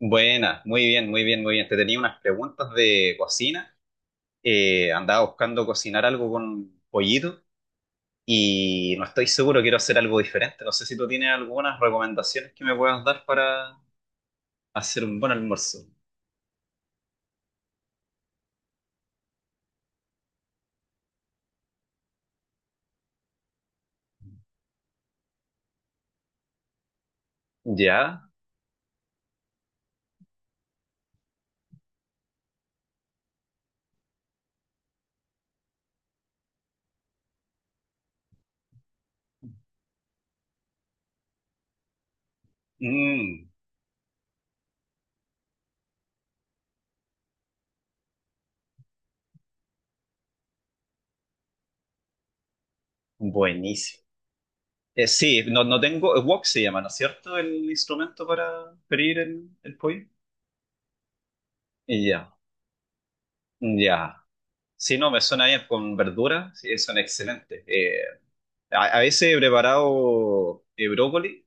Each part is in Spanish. Buena, muy bien, muy bien, muy bien. Te tenía unas preguntas de cocina. Andaba buscando cocinar algo con pollito y no estoy seguro, quiero hacer algo diferente. No sé si tú tienes algunas recomendaciones que me puedas dar para hacer un buen almuerzo. ¿Ya? Mm, buenísimo. Sí, no, no tengo, wok se llama, ¿no es cierto? El instrumento para freír el pollo. Ya, ya. Si no, me suena bien con verduras, sí, son excelentes. A veces he preparado brócoli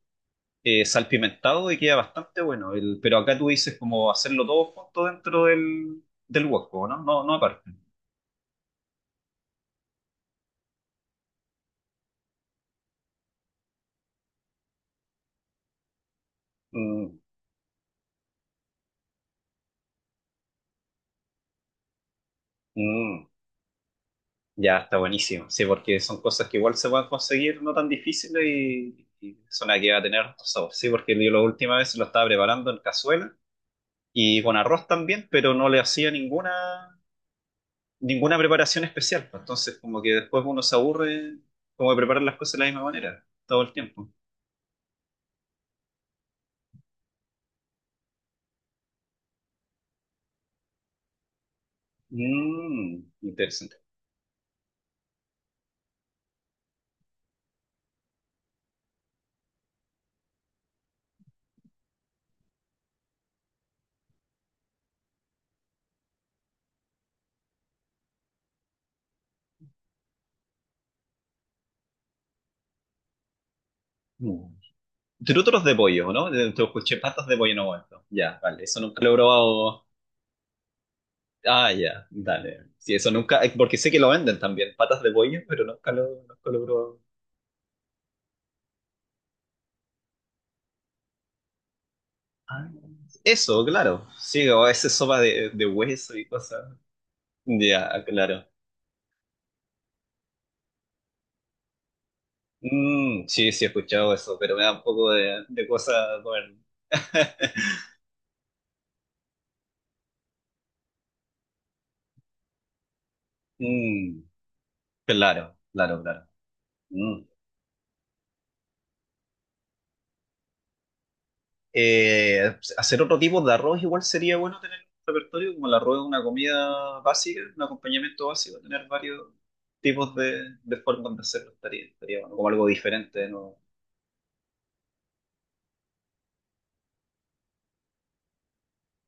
eh, salpimentado y queda bastante bueno. Pero acá tú dices como hacerlo todo junto dentro del wok, ¿no? No, no aparte. Mm, mm. Ya está buenísimo. Sí, porque son cosas que igual se pueden conseguir no tan difíciles y son las que va a tener harto sabor. Sí, porque yo la última vez lo estaba preparando en cazuela y con arroz también, pero no le hacía ninguna preparación especial, pues, entonces como que después uno se aburre como de preparar las cosas de la misma manera, todo el tiempo. Mmm, interesante. Mm. Trútoros de pollo, ¿no? Te escuché patas de pollo en un momento. Ya, vale, eso nunca lo he probado. Ah, ya, dale. Sí, eso nunca, porque sé que lo venden también, patas de pollo, pero nunca lo, nunca lo he probado. Ah, eso, claro. Sí, o a veces sopa de hueso y cosas. Ya, claro. Sí, sí he escuchado eso, pero me da un poco de cosa comer. Mm, claro, claro, claro. Mm. Hacer otro tipo de arroz igual sería bueno tener un repertorio, como el arroz es una comida básica, un acompañamiento básico, tener varios tipos de formas de hacerlo estaría, estaría bueno, como algo diferente, ¿no?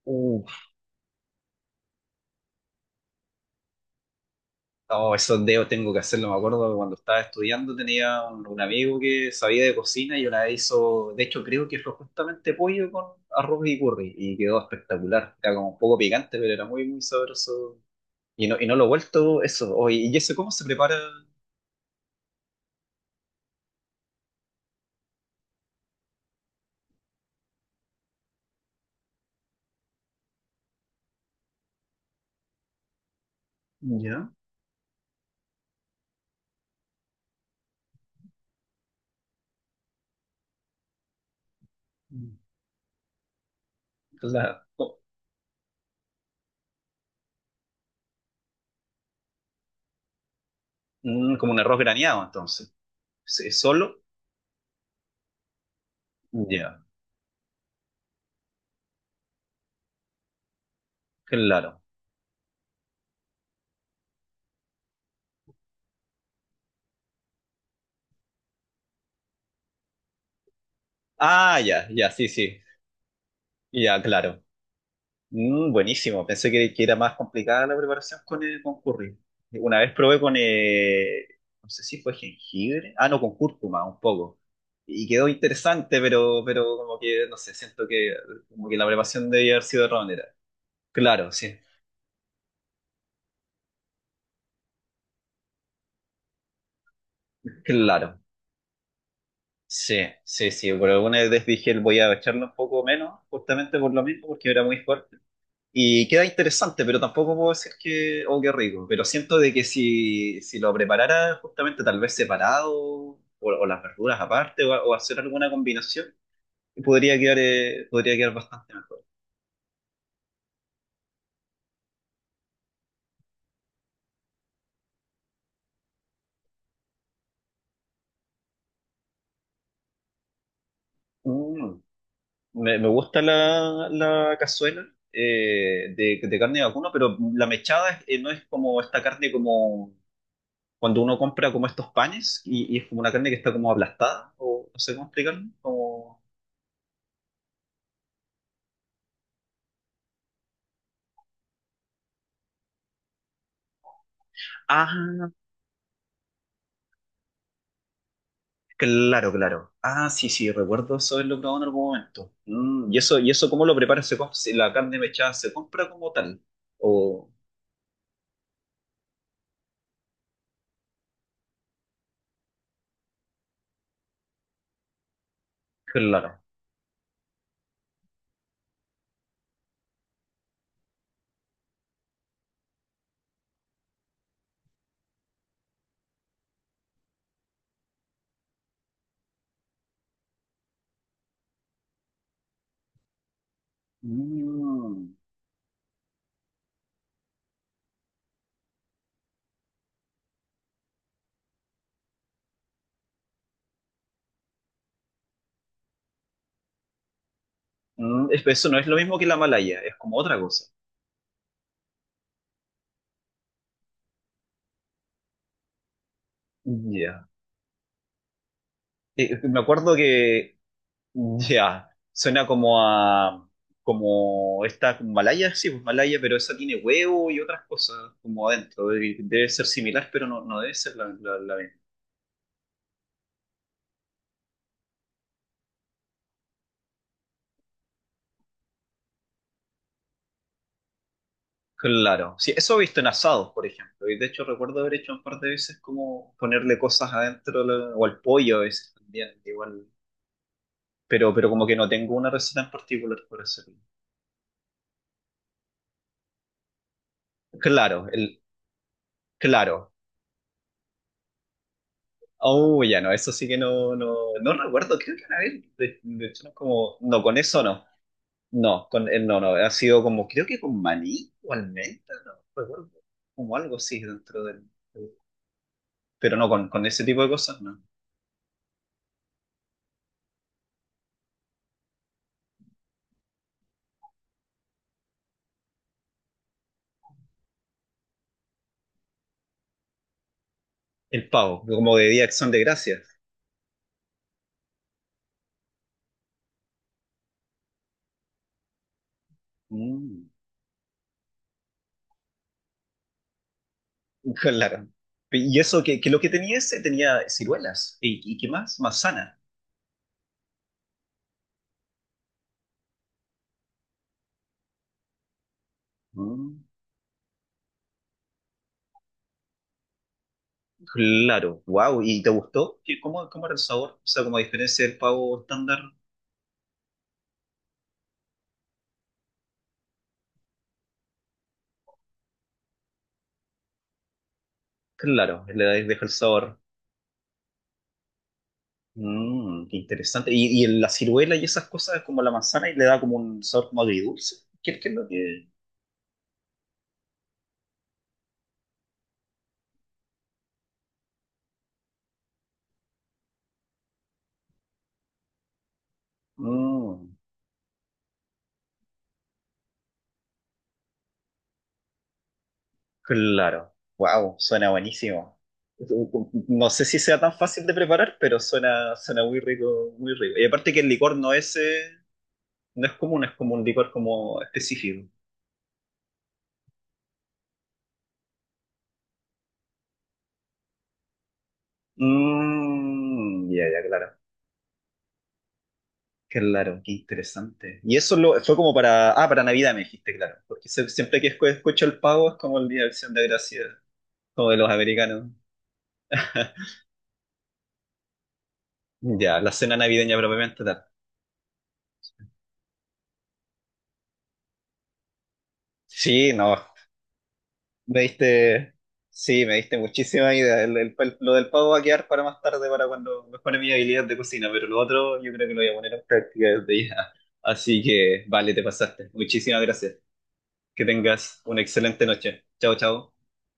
Uh, Oh, esos dedos tengo que hacerlo. Me acuerdo que cuando estaba estudiando tenía un amigo que sabía de cocina y una vez hizo, de hecho creo que fue justamente pollo con arroz y curry y quedó espectacular. Era como un poco picante, pero era muy, muy sabroso. Y no lo he vuelto eso. Oh, y eso cómo se prepara? Ya. Claro. Como un arroz graneado, entonces. Sí, ¿solo? Ya, claro. Ah, ya, ya, sí, sí. Ya, claro. Buenísimo, pensé que era más complicada la preparación con el con curry. Una vez probé con, no sé si fue jengibre, ah, no, con cúrcuma, un poco. Y quedó interesante, pero como que, no sé, siento que, como que la preparación debía haber sido de otra manera. Claro, sí, claro. Sí, sí, sí, por alguna vez dije, voy a echarle un poco menos, justamente por lo mismo, porque era muy fuerte. Y queda interesante, pero tampoco puedo decir que, oh, qué rico. Pero siento de que si, si lo preparara justamente tal vez separado o las verduras aparte o hacer alguna combinación, podría quedar bastante mejor. Mm, me gusta la cazuela de carne de vacuno, pero la mechada no es como esta carne como cuando uno compra como estos panes y es como una carne que está como aplastada o no sé cómo explicarlo. Como... Ah, claro, claro. Ah, sí, sí, recuerdo eso haberlo probado en algún momento. Mm, y eso cómo lo prepara? ¿Si la carne mechada se compra como tal? O, claro. Mm, Eso no es lo mismo que la malaya, es como otra cosa. Ya. Me acuerdo que, ya, suena como a, como esta malaya, sí, pues malaya, pero esa tiene huevo y otras cosas como adentro. Debe ser similar, pero no, no debe ser la. Claro, sí, eso he visto en asados, por ejemplo, y de hecho recuerdo haber hecho un par de veces como ponerle cosas adentro o al pollo a veces también, igual, pero como que no tengo una receta en particular por hacerlo. Claro, claro, oh, ya no, eso sí que no, no, no recuerdo, creo que una vez, de hecho, no, como, no, con eso no, no, con el no, no, ha sido como, creo que con maní o almendra, no recuerdo, como algo así dentro del. Pero no, con ese tipo de cosas, no. El pavo, como de Día de Acción de Gracias. Mm, claro. Y eso, que lo que tenía ese tenía ciruelas. Y qué más? Manzana. Mm, claro. Wow. ¿Y te gustó? ¿Qué- cómo, cómo era el sabor? O sea, como a diferencia del pavo estándar. Claro, le deja el sabor. Mm, qué interesante. Y la ciruela y esas cosas, como la manzana, y le da como un sabor como agridulce? ¿Qué, qué es lo que...? Mm. Claro. Wow, suena buenísimo. No sé si sea tan fácil de preparar, pero suena, suena muy rico, muy rico. Y aparte que el licor no es, no es común, es como un licor como específico. Mm, ya, ya, claro. Claro, qué interesante. Y eso lo, fue como para, ah, para Navidad me dijiste, claro. Porque siempre que escucho el pavo es como el Día de Acción de Gracias, como de los americanos. Ya, la cena navideña propiamente tal. Sí, no, Me diste, sí, me diste muchísima idea. Lo del pavo va a quedar para más tarde, para cuando mejore mi habilidad de cocina, pero lo otro yo creo que lo voy a poner en práctica desde ya. Así que, vale, te pasaste. Muchísimas gracias. Que tengas una excelente noche. Chao, chao.